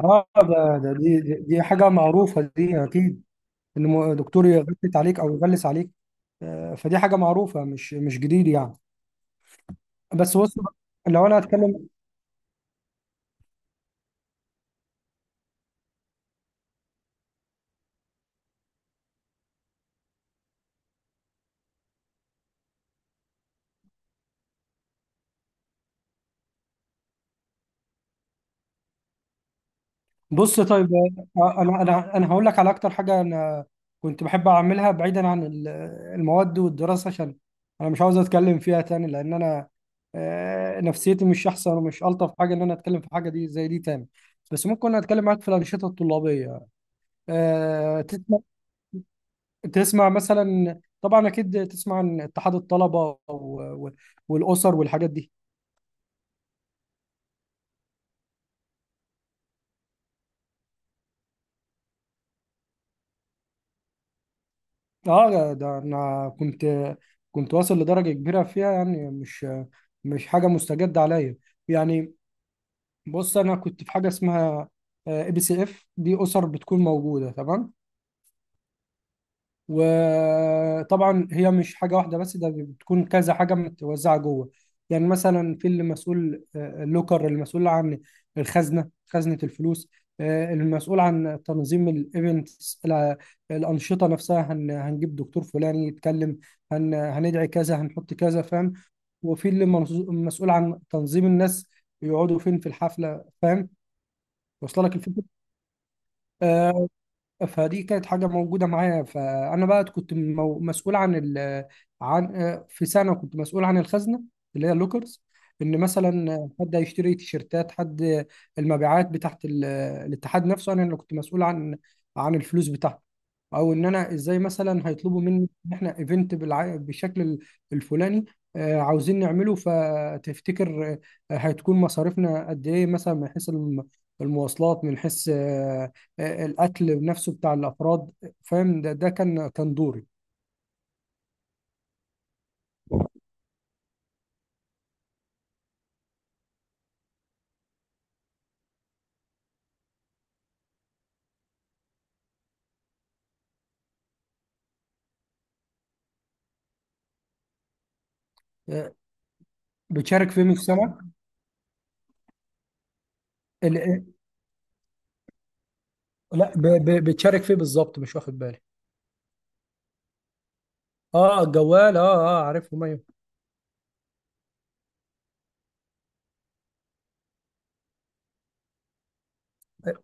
اه، ده ده دي دي دي حاجة معروفة دي أكيد، إن دكتور يغلس عليك أو يغلس عليك. فدي حاجة معروفة، مش جديد يعني. بس بص بقى، لو أنا هتكلم. بص طيب. أنا هقول لك على أكتر حاجة أنا كنت بحب أعملها بعيدا عن المواد والدراسة، عشان أنا مش عاوز أتكلم فيها تاني، لأن أنا نفسيتي مش أحسن ومش ألطف حاجة إن أنا أتكلم في حاجة دي زي دي تاني. بس ممكن أتكلم معاك في الأنشطة الطلابية. آه، تسمع مثلا، طبعا اكيد تسمع عن اتحاد الطلبه والاسر والحاجات دي. اه، ده انا كنت واصل لدرجه كبيره فيها، يعني مش حاجه مستجده عليا يعني. بص، انا كنت في حاجه اسمها ABCFD، اسر بتكون موجوده، تمام. وطبعا هي مش حاجة واحدة بس، ده بتكون كذا حاجة متوزعة جوه. يعني مثلا في اللي مسؤول اللوكر، المسؤول عن الخزنة، خزنة الفلوس. المسؤول عن تنظيم الايفنتس، الأنشطة نفسها، هنجيب دكتور فلاني يتكلم، هندعي كذا، هنحط كذا، فاهم؟ وفي اللي مسؤول عن تنظيم الناس يقعدوا فين في الحفلة، فاهم؟ واصله لك الفكرة. آه، فدي كانت حاجة موجودة معايا، فأنا بقى كنت مسؤول عن ال عن آه، في سنة كنت مسؤول عن الخزنة اللي هي اللوكرز. إن مثلا حد هيشتري تيشيرتات، حد المبيعات بتاعت الاتحاد نفسه، أنا اللي كنت مسؤول عن الفلوس بتاعته. أو إن أنا إزاي مثلا هيطلبوا مني إن إحنا إيفنت بالشكل الفلاني عاوزين نعمله. فتفتكر هتكون مصاريفنا قد إيه، مثلا من حيث المواصلات، من حيث القتل نفسه بتاع الافراد، فاهم؟ ده كان دوري. آه، بتشارك فيه مش سمك ال- آه، لا، بتشارك فيه بالظبط، مش واخد بالي. اه، الجوال. اه، اه، عارفهم، ايوه. آه،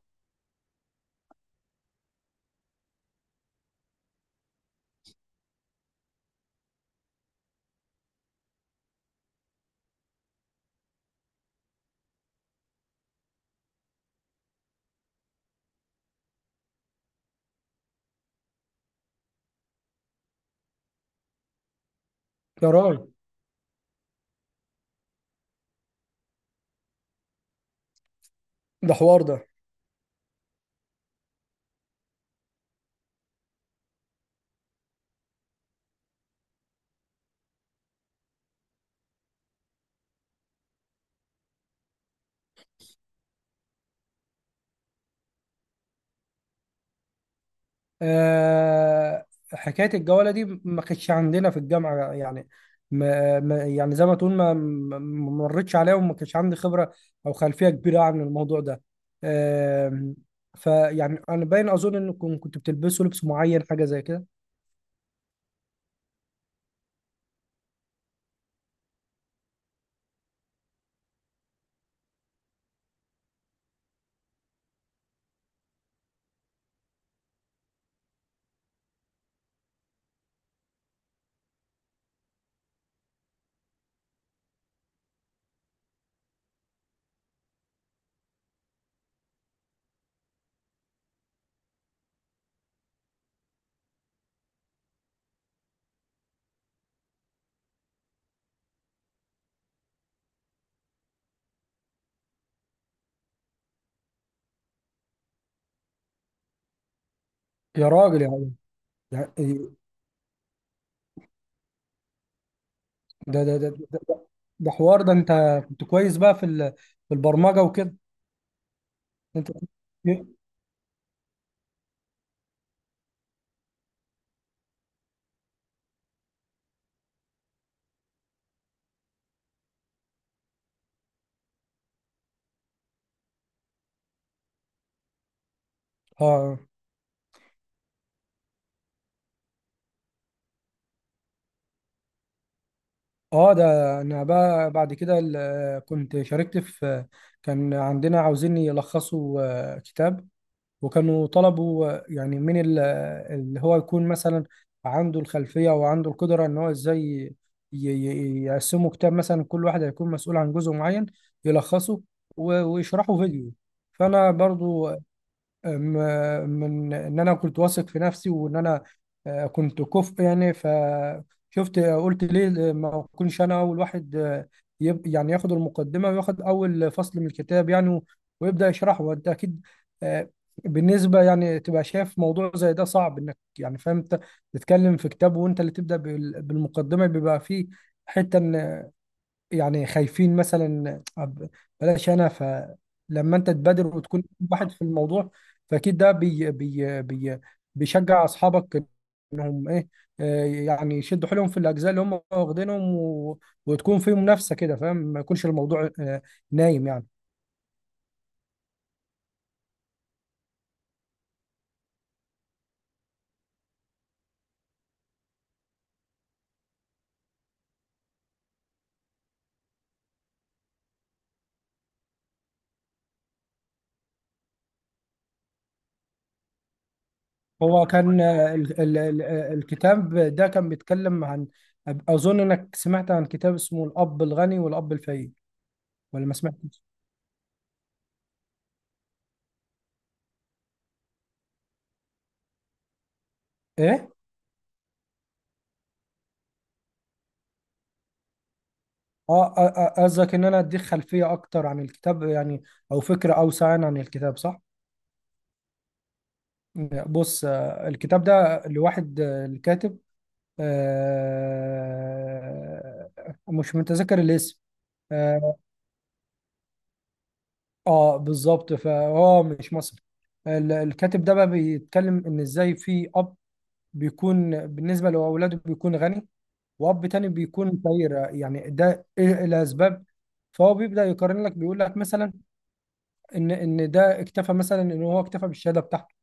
يا راجل، ده حوار ده. آه حكايه الجواله دي ما كانتش عندنا في الجامعه يعني. يعني زي ما تقول ما مرتش عليها، وما كانش عندي خبره او خلفيه كبيره عن الموضوع ده. آه فيعني انا باين اظن انكم كنتوا بتلبسوا لبس معين، حاجه زي كده. يا راجل، يا عم، يعني ده ده ده ده, ده, ده حوار ده. انت كنت كويس بقى في في البرمجه وكده. انت اه اه ده انا بقى بعد كده كنت شاركت في، كان عندنا عاوزين يلخصوا كتاب، وكانوا طلبوا يعني من اللي هو يكون مثلا عنده الخلفية وعنده القدرة ان هو ازاي يقسموا كتاب، مثلا كل واحد هيكون مسؤول عن جزء معين يلخصه ويشرحه فيديو. فانا برضو من ان انا كنت واثق في نفسي وان انا كنت كفء يعني، فشفت قلت ليه ما اكونش انا اول واحد، يعني ياخد المقدمه وياخد اول فصل من الكتاب، يعني ويبدا يشرحه. وانت اكيد آه، بالنسبه يعني تبقى شايف موضوع زي ده صعب، انك يعني فاهم انت تتكلم في كتاب وانت اللي تبدا بالمقدمه، بيبقى فيه حته إن يعني خايفين مثلا بلاش انا. فلما انت تبادر وتكون واحد في الموضوع، فاكيد ده بي بي بي بيشجع اصحابك انهم ايه، يعني يشدوا حيلهم في الاجزاء اللي هم واخدينهم، وتكون في منافسه كده، فاهم؟ ما يكونش الموضوع نايم يعني. هو كان الكتاب ده كان بيتكلم عن، اظن انك سمعت عن كتاب اسمه الاب الغني والاب الفقير، ولا ما سمعتش؟ ايه. اه. قصدك ان انا اديك خلفيه اكتر عن الكتاب يعني، او فكره اوسع يعني عن الكتاب، صح؟ بص، الكتاب ده لواحد، الكاتب، آه، مش متذكر الاسم. اه، بالظبط، فهو مش مصري. الكاتب ده بقى بيتكلم ان ازاي في اب بيكون بالنسبه لاولاده بيكون غني، واب تاني بيكون فقير، يعني ده ايه الاسباب. فهو بيبدا يقارن لك، بيقول لك مثلا ان ده اكتفى، مثلا ان هو اكتفى بالشهاده بتاعته،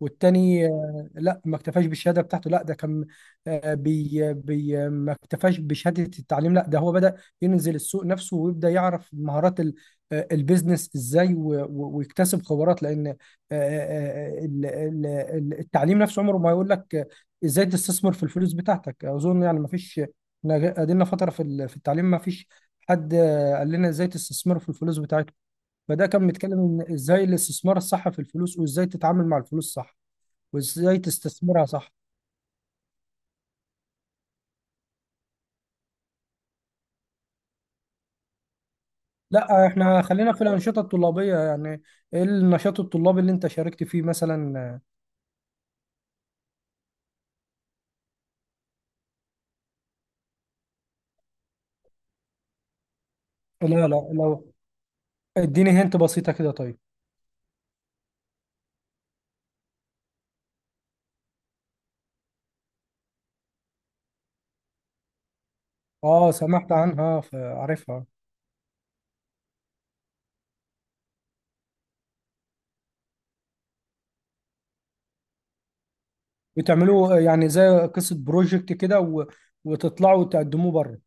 والتاني لا، ما اكتفاش بالشهاده بتاعته، لا ده كان آه، بي بي ما اكتفاش بشهاده التعليم، لا ده هو بدأ ينزل السوق نفسه، ويبدأ يعرف مهارات البيزنس ازاي، ويكتسب خبرات، لان آه، التعليم نفسه عمره ما يقول لك ازاي تستثمر في الفلوس بتاعتك. اظن يعني ما فيش، إحنا قضينا فتره في في التعليم، ما فيش حد قال لنا ازاي تستثمر في الفلوس بتاعتك. فده كان بيتكلم ان ازاي الاستثمار الصح في الفلوس، وازاي تتعامل مع الفلوس صح، وازاي تستثمرها صح. لا، احنا خلينا في الانشطه الطلابيه يعني، ايه النشاط الطلابي اللي انت شاركت فيه مثلا؟ لا، لا، لو اديني هنت بسيطه كده، طيب. اه، سمعت عنها فعارفها. بتعملوا يعني زي قصه بروجكت كده، وتطلعوا وتقدموه بره.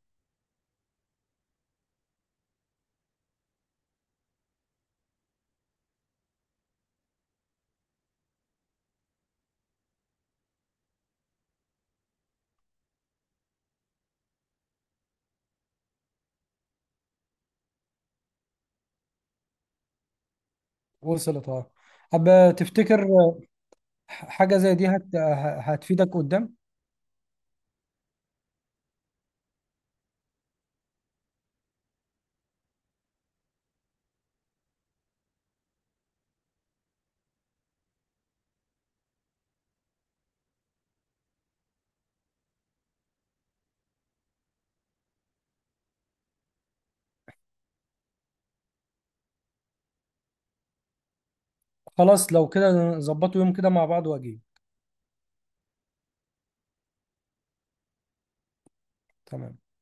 وصلت، اه. طب، تفتكر حاجه زي دي هتفيدك قدام؟ خلاص، لو كده نظبطوا يوم كده مع بعض واجي. تمام.